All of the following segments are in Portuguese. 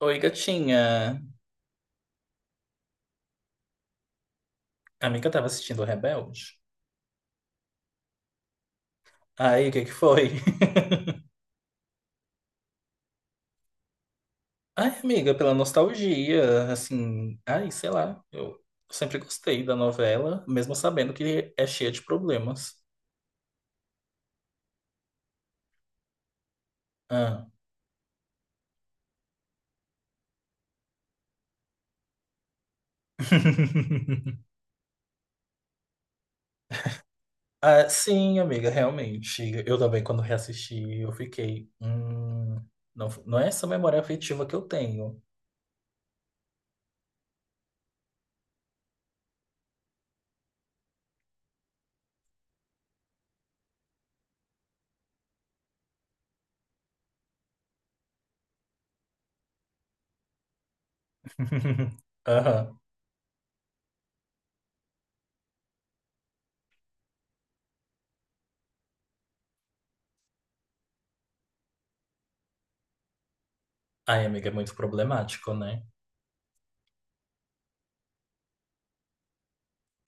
Oi, gatinha. Amiga, eu tava assistindo o Rebelde. Aí, o que que foi? Ai, amiga, pela nostalgia, assim, ai, sei lá. Eu sempre gostei da novela, mesmo sabendo que é cheia de problemas. Ah. Ah, sim, amiga, realmente. Eu também, quando reassisti, eu fiquei. Não é essa memória afetiva que eu tenho. Aham. Ai, amiga, é muito problemático, né?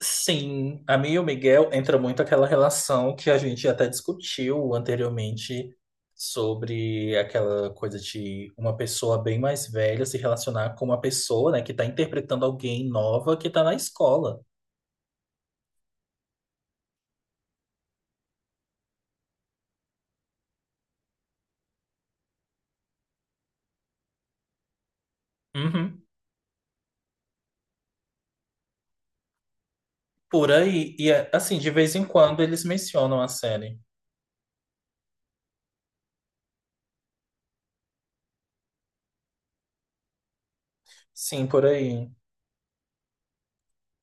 Sim, a mim e o Miguel entra muito aquela relação que a gente até discutiu anteriormente sobre aquela coisa de uma pessoa bem mais velha se relacionar com uma pessoa, né, que está interpretando alguém nova que está na escola. Uhum. Por aí, e é, assim, de vez em quando eles mencionam a série. Sim, por aí.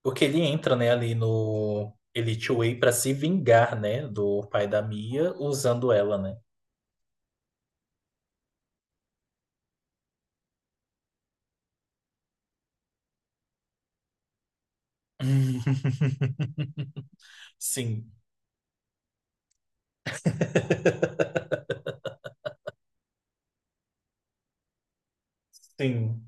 Porque ele entra, né, ali no Elite Way para se vingar, né, do pai da Mia usando ela, né? Sim. Sim.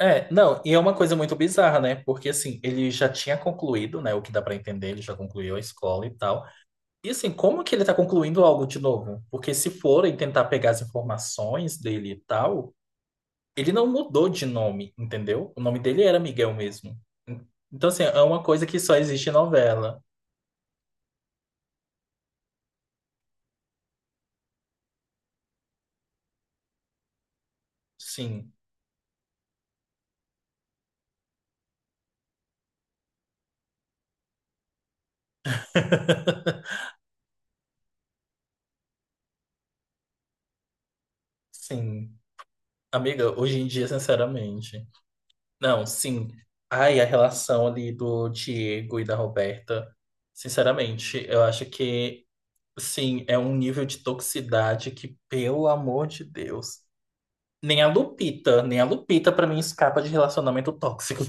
É, não, e é uma coisa muito bizarra, né? Porque assim, ele já tinha concluído, né? O que dá pra entender, ele já concluiu a escola e tal. E assim, como que ele tá concluindo algo de novo? Porque se forem tentar pegar as informações dele e tal, ele não mudou de nome, entendeu? O nome dele era Miguel mesmo. Então, assim, é uma coisa que só existe em novela. Sim, sim. Amiga, hoje em dia, sinceramente. Não, sim. Ai, a relação ali do Diego e da Roberta, sinceramente, eu acho que, sim, é um nível de toxicidade que, pelo amor de Deus, nem a Lupita pra mim escapa de relacionamento tóxico.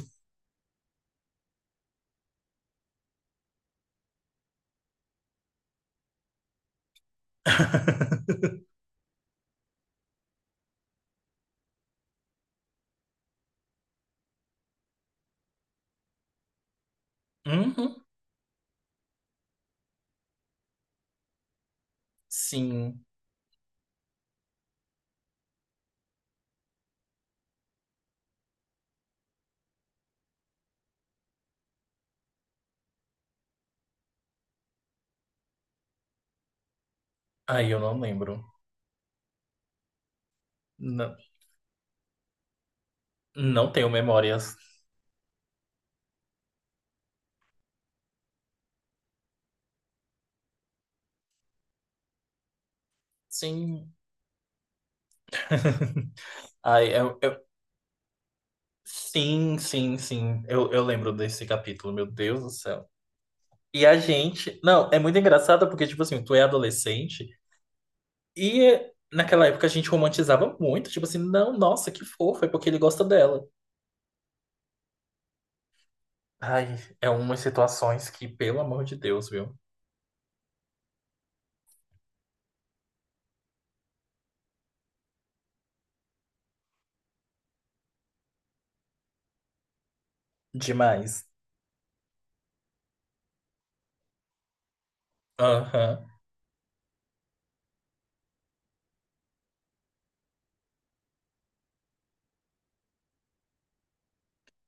Uhum, sim. Ai, eu não lembro. Não, não tenho memórias. Sim. Ai, sim, sim, sim. Eu lembro desse capítulo, meu Deus do céu. E a gente. Não, é muito engraçado porque, tipo assim, tu é adolescente. E naquela época a gente romantizava muito, tipo assim, não, nossa, que fofo, é porque ele gosta dela. Ai, é umas situações que, pelo amor de Deus, viu? Demais. Aham.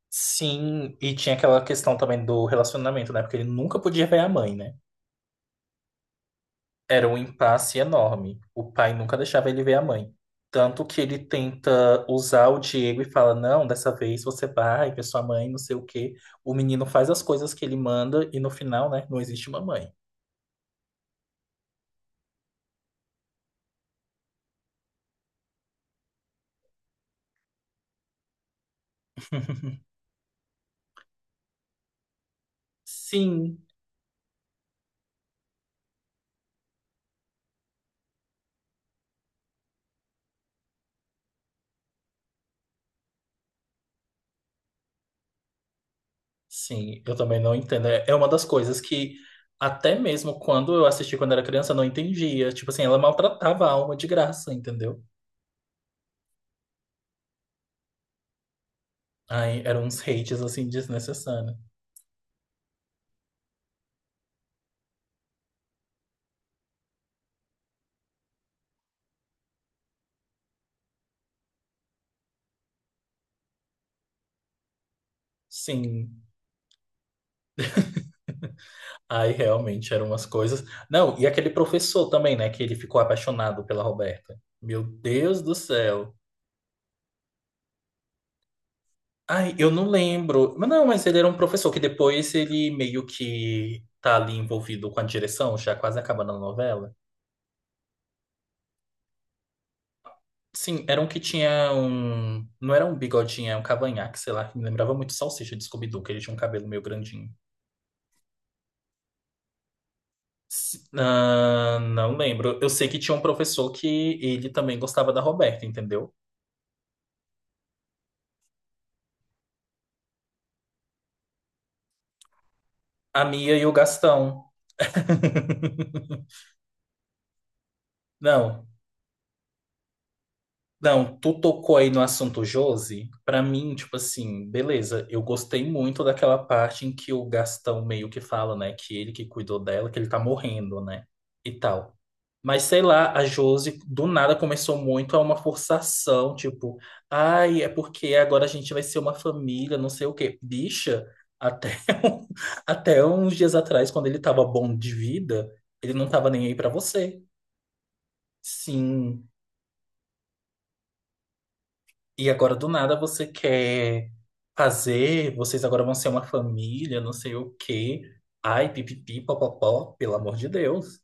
Sim, e tinha aquela questão também do relacionamento, né? Porque ele nunca podia ver a mãe, né? Era um impasse enorme. O pai nunca deixava ele ver a mãe. Tanto que ele tenta usar o Diego e fala: Não, dessa vez você vai ver sua mãe, não sei o quê. O menino faz as coisas que ele manda e no final, né? Não existe uma mãe. Sim. Sim, eu também não entendo. É uma das coisas que, até mesmo quando eu assisti quando era criança, eu não entendia. Tipo assim, ela maltratava a alma de graça, entendeu? Aí eram uns hates, assim, desnecessários. Sim, aí realmente eram umas coisas. Não, e aquele professor também, né, que ele ficou apaixonado pela Roberta. Meu Deus do céu. Ai, eu não lembro. Mas não, mas ele era um professor que depois ele meio que tá ali envolvido com a direção, já quase acabando a novela. Sim, era um que tinha um. Não era um bigodinho, é um cavanhaque, sei lá, que me lembrava muito Salsicha de Scooby-Doo, que ele tinha um cabelo meio grandinho. Ah, não lembro. Eu sei que tinha um professor que ele também gostava da Roberta, entendeu? A Mia e o Gastão. Não, não, tu tocou aí no assunto Josi. Pra mim, tipo assim, beleza, eu gostei muito daquela parte em que o Gastão meio que fala, né, que ele que cuidou dela, que ele tá morrendo, né, e tal. Mas sei lá, a Josi do nada começou muito a uma forçação, tipo, ai, é porque agora a gente vai ser uma família, não sei o quê. Bicha, até, um- até uns dias atrás, quando ele tava bom de vida, ele não tava nem aí pra você. Sim. E agora do nada você quer fazer, vocês agora vão ser uma família, não sei o quê. Ai, pipipi, popopó, pelo amor de Deus.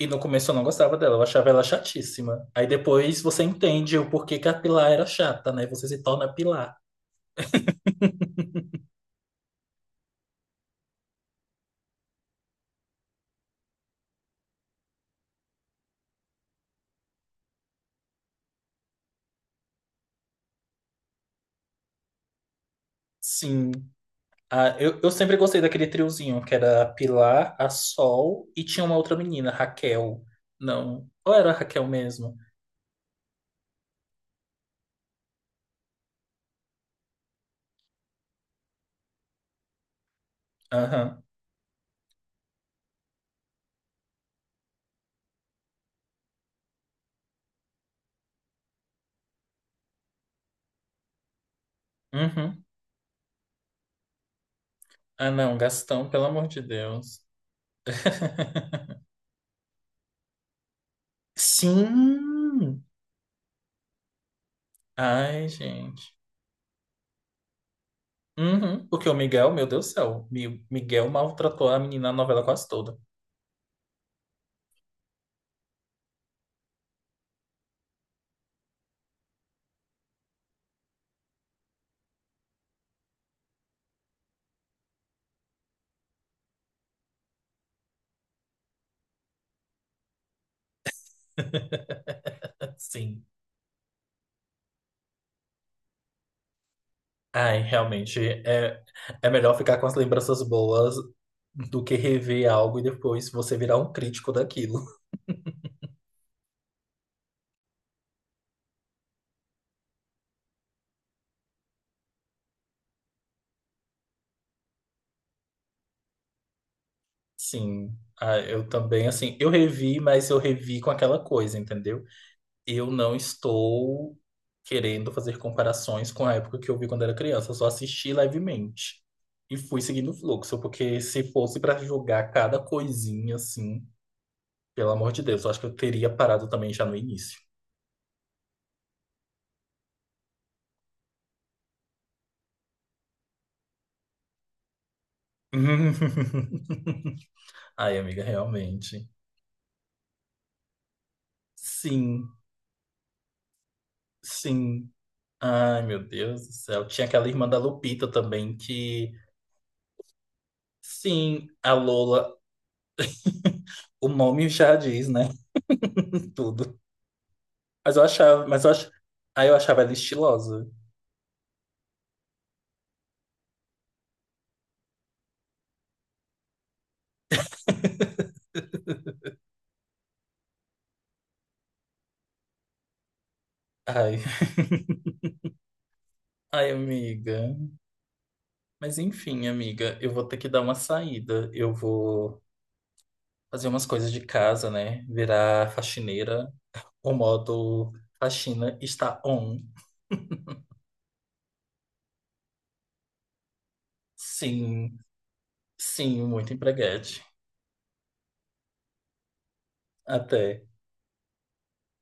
E no começo eu não gostava dela, eu achava ela chatíssima. Aí depois você entende o porquê que a Pilar era chata, né? Você se torna a Pilar. Sim. Ah, eu sempre gostei daquele triozinho, que era a Pilar, a Sol e tinha uma outra menina, Raquel. Não. Ou era a Raquel mesmo? Aham. Uhum. Ah, não, Gastão, pelo amor de Deus. Sim! Ai, gente. Uhum. Porque o Miguel, meu Deus do céu, Miguel maltratou a menina na novela quase toda. Sim. Ai, realmente, é, é melhor ficar com as lembranças boas do que rever algo e depois você virar um crítico daquilo. Sim, ah, eu também, assim, eu revi, mas eu revi com aquela coisa, entendeu? Eu não estou querendo fazer comparações com a época que eu vi quando era criança, eu só assisti levemente e fui seguindo o fluxo, porque se fosse para julgar cada coisinha, assim, pelo amor de Deus, eu acho que eu teria parado também já no início. Ai, amiga, realmente. Sim, sim. Ai, meu Deus do céu. Tinha aquela irmã da Lupita também que, sim, a Lola, o nome já diz, né? Tudo. Mas eu achava, mas eu ach... Ai, eu achava ela estilosa. Ai. Ai, amiga. Mas enfim, amiga, eu vou ter que dar uma saída. Eu vou fazer umas coisas de casa, né? Virar faxineira. O modo faxina está on. Sim, sim, muito empreguete. Até.